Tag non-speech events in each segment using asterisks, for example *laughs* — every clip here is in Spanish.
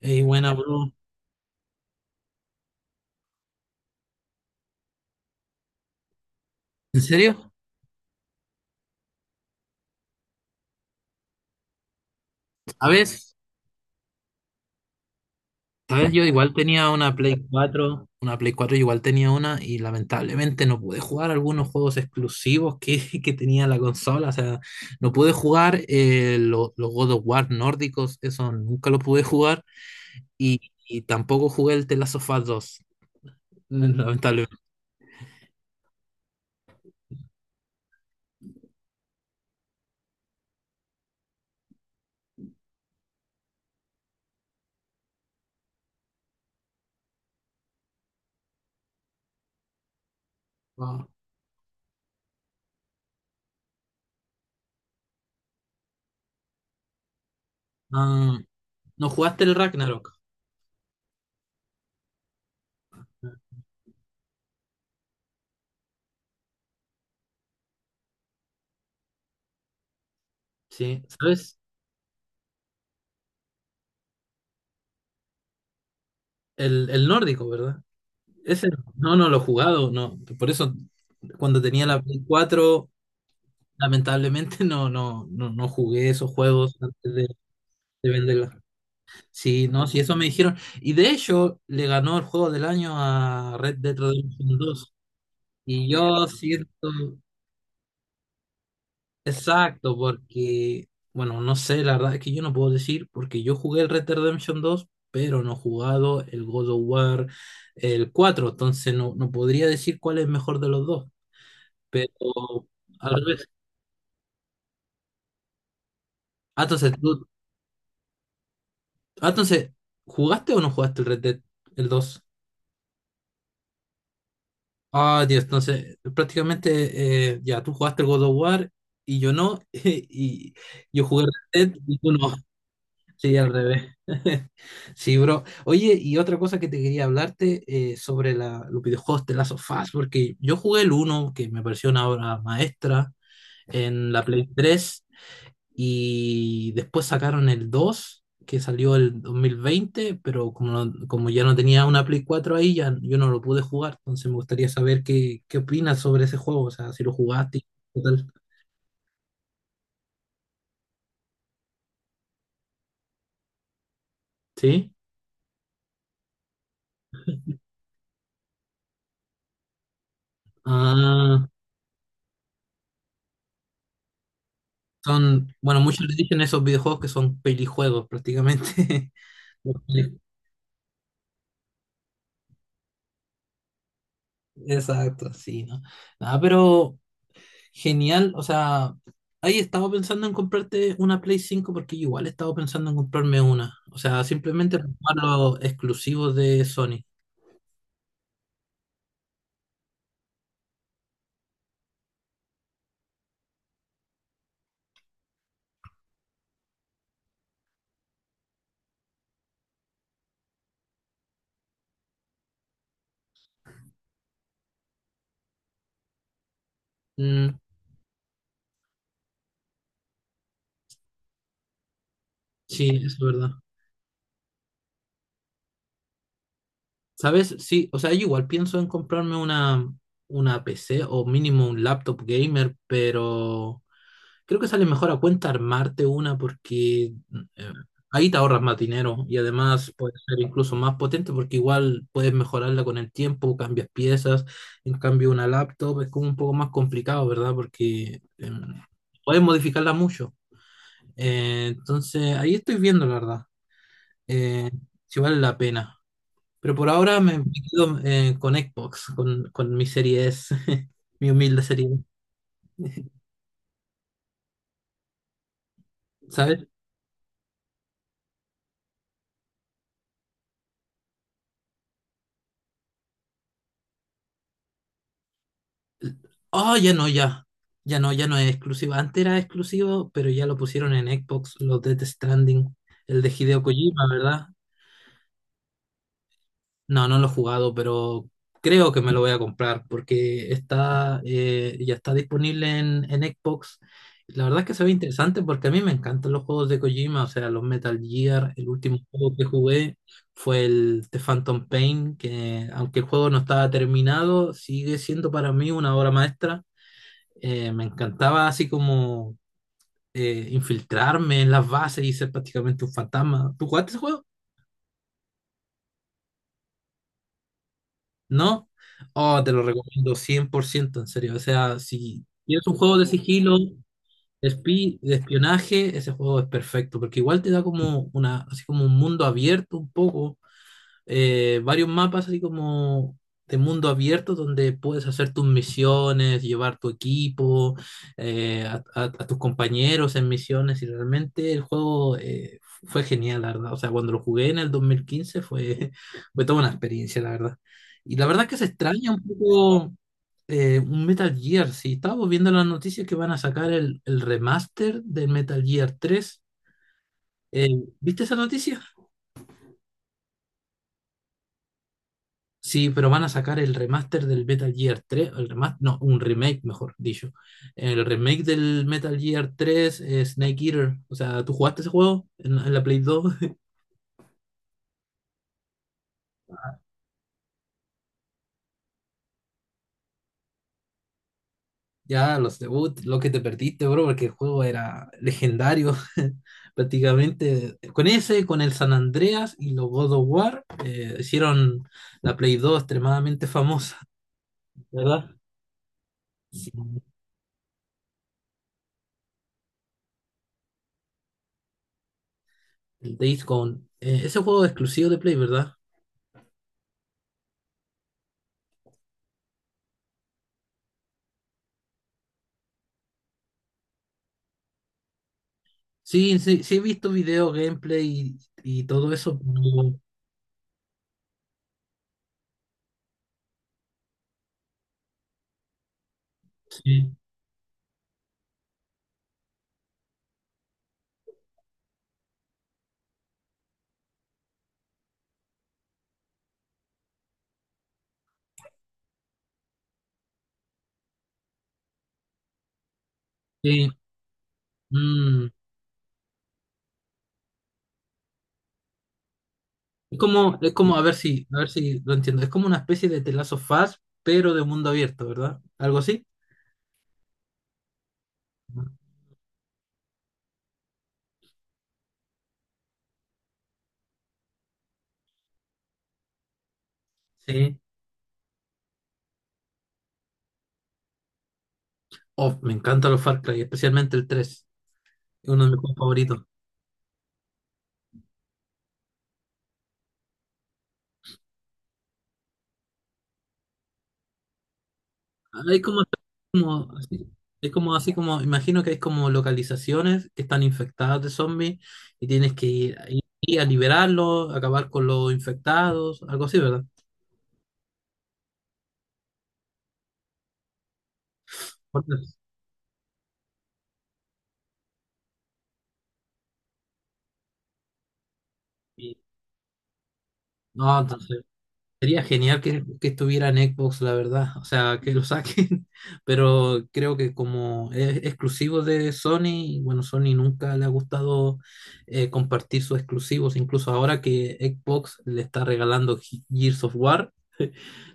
Ey, buena, bro. ¿En serio? ¿Sabes? ¿Sabes? Yo igual tenía una Play cuatro yo igual tenía una y lamentablemente no pude jugar algunos juegos exclusivos que, *laughs* que tenía la consola. O sea, no pude jugar los God of War nórdicos, eso nunca lo pude jugar y, y tampoco jugué el The Last of Us 2, lamentablemente. Wow. Ah, no jugaste el Ragnarok, ¿sí? ¿Sabes? El nórdico, ¿verdad? Ese, no, no lo he jugado, no. Por eso, cuando tenía la Play cuatro, lamentablemente, *laughs* no, no, no jugué esos juegos antes de venderla. Sí, no, sí, eso me dijeron. Y de hecho, le ganó el juego del año a Red Dead Redemption dos. Y yo siento, exacto, porque, bueno, no sé, la verdad es que yo no puedo decir, porque yo jugué el Red Dead Redemption dos, pero no he jugado el God of War el cuatro, entonces no, no podría decir cuál es mejor de los dos. Pero al revés. Ah, entonces, ah, entonces, ¿jugaste o no jugaste el Red Dead? El dos. Ah, Dios, entonces, prácticamente, ya, tú jugaste el God of War y yo no, *laughs* y yo jugué Red Dead y tú no. Sí, al revés. *laughs* Sí, bro. Oye, y otra cosa que te quería hablarte sobre la, los videojuegos de Last of Us, porque yo jugué el uno, que me pareció una obra maestra, en la Play tres. Y después sacaron el dos, que salió el 2020, pero como, como ya no tenía una Play cuatro ahí, ya yo no lo pude jugar. Entonces me gustaría saber qué, qué opinas sobre ese juego, o sea, si lo jugaste y qué tal. ¿Sí? Ah, son, bueno, muchos le dicen esos videojuegos que son pelijuegos prácticamente. *laughs* Exacto, sí, ¿no? Ah, pero genial, o sea, ahí estaba pensando en comprarte una Play cinco, porque yo igual estaba pensando en comprarme una. O sea, simplemente para jugar los exclusivos de Sony. Mm, sí, es verdad. ¿Sabes? Sí, o sea, yo igual pienso en comprarme una PC o mínimo un laptop gamer, pero creo que sale mejor a cuenta armarte una, porque eh, ahí te ahorras más dinero y además puede ser incluso más potente porque igual puedes mejorarla con el tiempo, cambias piezas. En cambio, una laptop es como un poco más complicado, ¿verdad? Porque puedes modificarla mucho. Entonces, ahí estoy viendo, la verdad, eh, si vale la pena. Pero por ahora me quedo con Xbox, con mi serie S, *laughs* mi humilde serie. ¿Sabes? Oh, ya no, ya. Ya no, ya no es exclusivo. Antes era exclusivo, pero ya lo pusieron en Xbox, los Death Stranding. El de Hideo Kojima, ¿verdad? No, no lo he jugado, pero creo que me lo voy a comprar porque está, ya está disponible en Xbox. La verdad es que se ve interesante porque a mí me encantan los juegos de Kojima, o sea, los Metal Gear. El último juego que jugué fue el The Phantom Pain, que aunque el juego no estaba terminado, sigue siendo para mí una obra maestra. Me encantaba así como infiltrarme en las bases y ser prácticamente un fantasma. ¿Tú jugaste ese juego? ¿No? Oh, te lo recomiendo 100%, en serio. O sea, si tienes un juego de sigilo, de, de espionaje, ese juego es perfecto, porque igual te da como una, así como un mundo abierto un poco, varios mapas así como de mundo abierto donde puedes hacer tus misiones, llevar tu equipo, a, a tus compañeros en misiones y realmente el juego fue genial, la verdad. O sea, cuando lo jugué en el 2015 fue, *laughs* fue toda una experiencia, la verdad. Y la verdad es que se extraña un poco un Metal Gear, si estábamos viendo las noticias que van a sacar el remaster del Metal Gear tres. Eh, ¿Viste esa noticia? Sí, pero van a sacar el remaster del Metal Gear 3, el remaster, no, un remake, mejor dicho. El remake del Metal Gear 3, Snake Eater. O sea, ¿tú jugaste ese juego en la Play 2? *laughs* Ya, los debut, lo que te perdiste, bro, porque el juego era legendario, *laughs* prácticamente. Con ese, con el San Andreas y los God of War, hicieron la Play 2 extremadamente famosa, ¿verdad? Sí, el Days Gone. Ese juego es exclusivo de Play, ¿verdad? Sí, sí, sí, he visto video, gameplay y todo eso. Pero sí, sí. Mm. Es como, a ver si lo entiendo. Es como una especie de The Last of Us, pero de mundo abierto, ¿verdad? ¿Algo así? Sí. Oh, me encantan los Far Cry, especialmente el tres. Es uno de mis juegos favoritos. Hay como, como así, es como así como, imagino que hay como localizaciones que están infectadas de zombies y tienes que ir, ahí a liberarlos, acabar con los infectados, algo así, ¿verdad? No, entonces sería genial que estuviera en Xbox, la verdad. O sea, que lo saquen, *laughs* pero creo que como es exclusivo de Sony, bueno, Sony nunca le ha gustado compartir sus exclusivos, incluso ahora que Xbox le está regalando Gears of War, *laughs*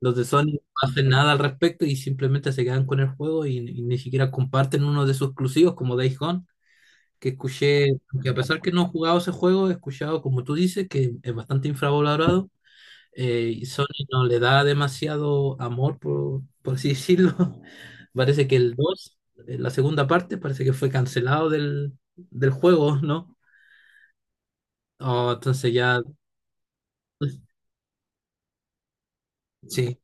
los de Sony no hacen nada al respecto y simplemente se quedan con el juego y ni siquiera comparten uno de sus exclusivos como Days Gone, que escuché, que a pesar que no he jugado ese juego, he escuchado, como tú dices, que es bastante infravalorado. Y Sony no le da demasiado amor, por así decirlo. *laughs* Parece que el dos, la segunda parte, parece que fue cancelado del, del juego, ¿no? Oh, entonces ya, pues, sí.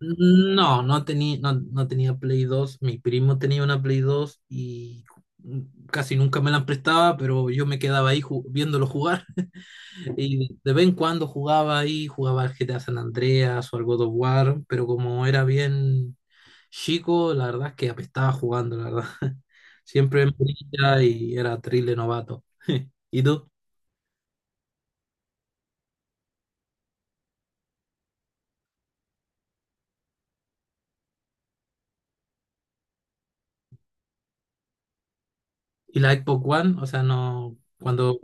No, no tenía, no, no tenía Play dos. Mi primo tenía una Play dos y casi nunca me la prestaba, pero yo me quedaba ahí viéndolo jugar. *laughs* Y de vez en cuando jugaba ahí, jugaba al GTA San Andreas o al God of War, pero como era bien chico, la verdad es que apestaba jugando, la verdad. *laughs* Siempre en brilla y era terrible novato. *laughs* ¿Y tú? ¿Y la Xbox One? O sea, no, cuando,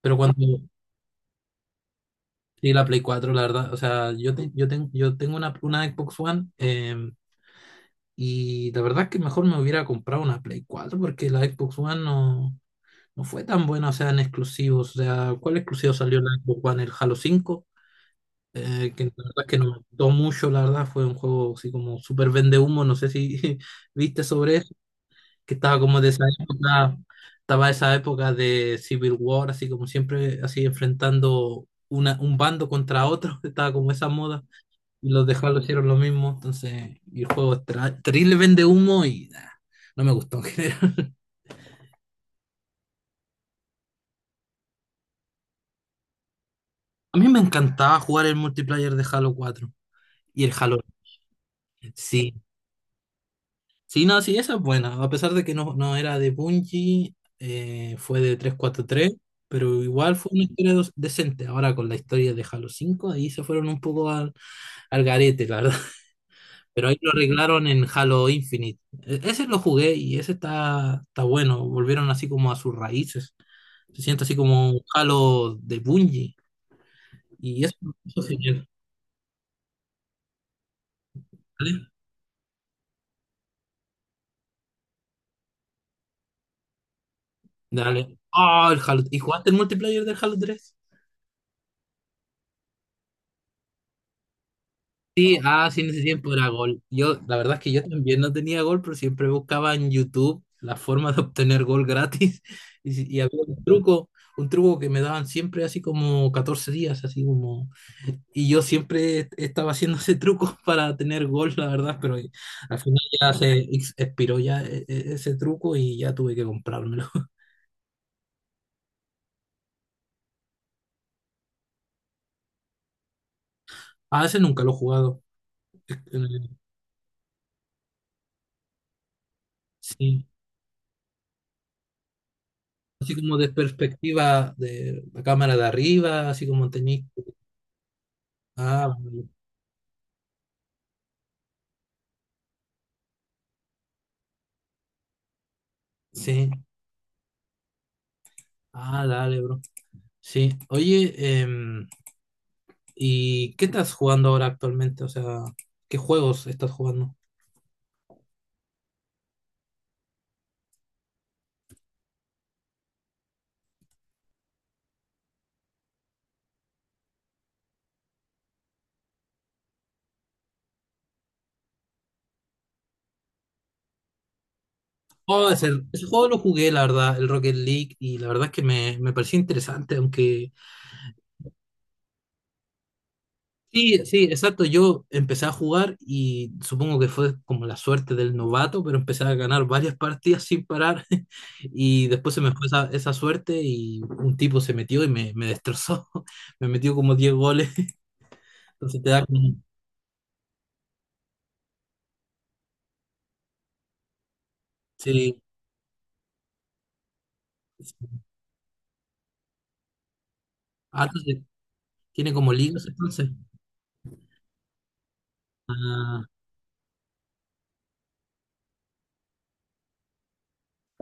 pero cuando, sí, la Play 4, la verdad. O sea, yo, yo, yo tengo una Xbox One, y la verdad es que mejor me hubiera comprado una Play 4, porque la Xbox One no, no fue tan buena, o sea, en exclusivos. O sea, ¿cuál exclusivo salió en la Xbox One? ¿El Halo 5? Que la verdad es que nos gustó mucho, la verdad, fue un juego así como súper vende humo, no sé si *laughs* viste sobre eso, que estaba como de esa época, estaba esa época de Civil War, así como siempre, así enfrentando una, un bando contra otro, *laughs* estaba como esa moda, y los de Halo hicieron lo mismo, entonces, y el juego es terrible vende humo y nah, no me gustó en general. *laughs* A mí me encantaba jugar el multiplayer de Halo 4 y el Halo, sí, sí, no, sí, esa es buena. A pesar de que no, no era de Bungie, fue de 343, pero igual fue una historia decente. Ahora con la historia de Halo 5, ahí se fueron un poco al, al garete, la verdad. *laughs* Pero ahí lo arreglaron en Halo Infinite. Ese lo jugué y ese está, está bueno. Volvieron así como a sus raíces. Se siente así como un Halo de Bungie. Y eso es genial. Dale, dale. Ah, el Halo. ¿Y jugaste el multiplayer del Halo 3? Sí, ah, sí, en ese tiempo era gol. Yo, la verdad es que yo también no tenía gol, pero siempre buscaba en YouTube la forma de obtener gol gratis. *laughs* Y, y había un truco que me daban siempre así como 14 días, así como... Y yo siempre estaba haciendo ese truco *laughs* para tener gol, la verdad, pero al final ya se expiró ya ese truco y ya tuve que comprármelo. *laughs* Ah, ese nunca lo he jugado. Eh, Sí, así como de perspectiva de la cámara de arriba, así como tenéis... Ah, sí. Ah, dale, bro. Sí. Oye, em, ¿y qué estás jugando ahora actualmente? O sea, ¿qué juegos estás jugando? Oh, ese juego lo jugué, la verdad, el Rocket League, y la verdad es que me pareció interesante, aunque... Sí, sí, exacto, yo empecé a jugar y supongo que fue como la suerte del novato, pero empecé a ganar varias *laughs* partidas sin parar *laughs* y después se me fue esa, esa suerte y un tipo se metió y me destrozó, *laughs* me metió como 10 goles, *laughs* entonces te da como... Sí, ah, entonces, tiene como ligas entonces. Ah,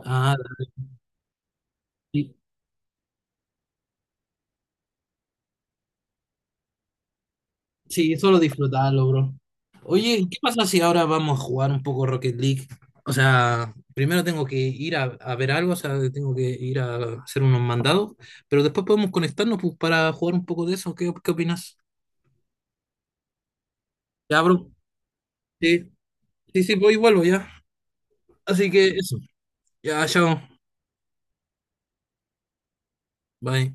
ah, sí, sí, solo disfrutarlo, bro. Oye, ¿qué pasa si ahora vamos a jugar un poco Rocket League? O sea, primero tengo que ir a ver algo, o sea, tengo que ir a hacer unos mandados, pero después podemos conectarnos pues, para jugar un poco de eso. ¿Qué, qué opinas? Ya, bro. Sí, sí, sí, voy y vuelvo ya. Así que eso. Ya, chao. Bye.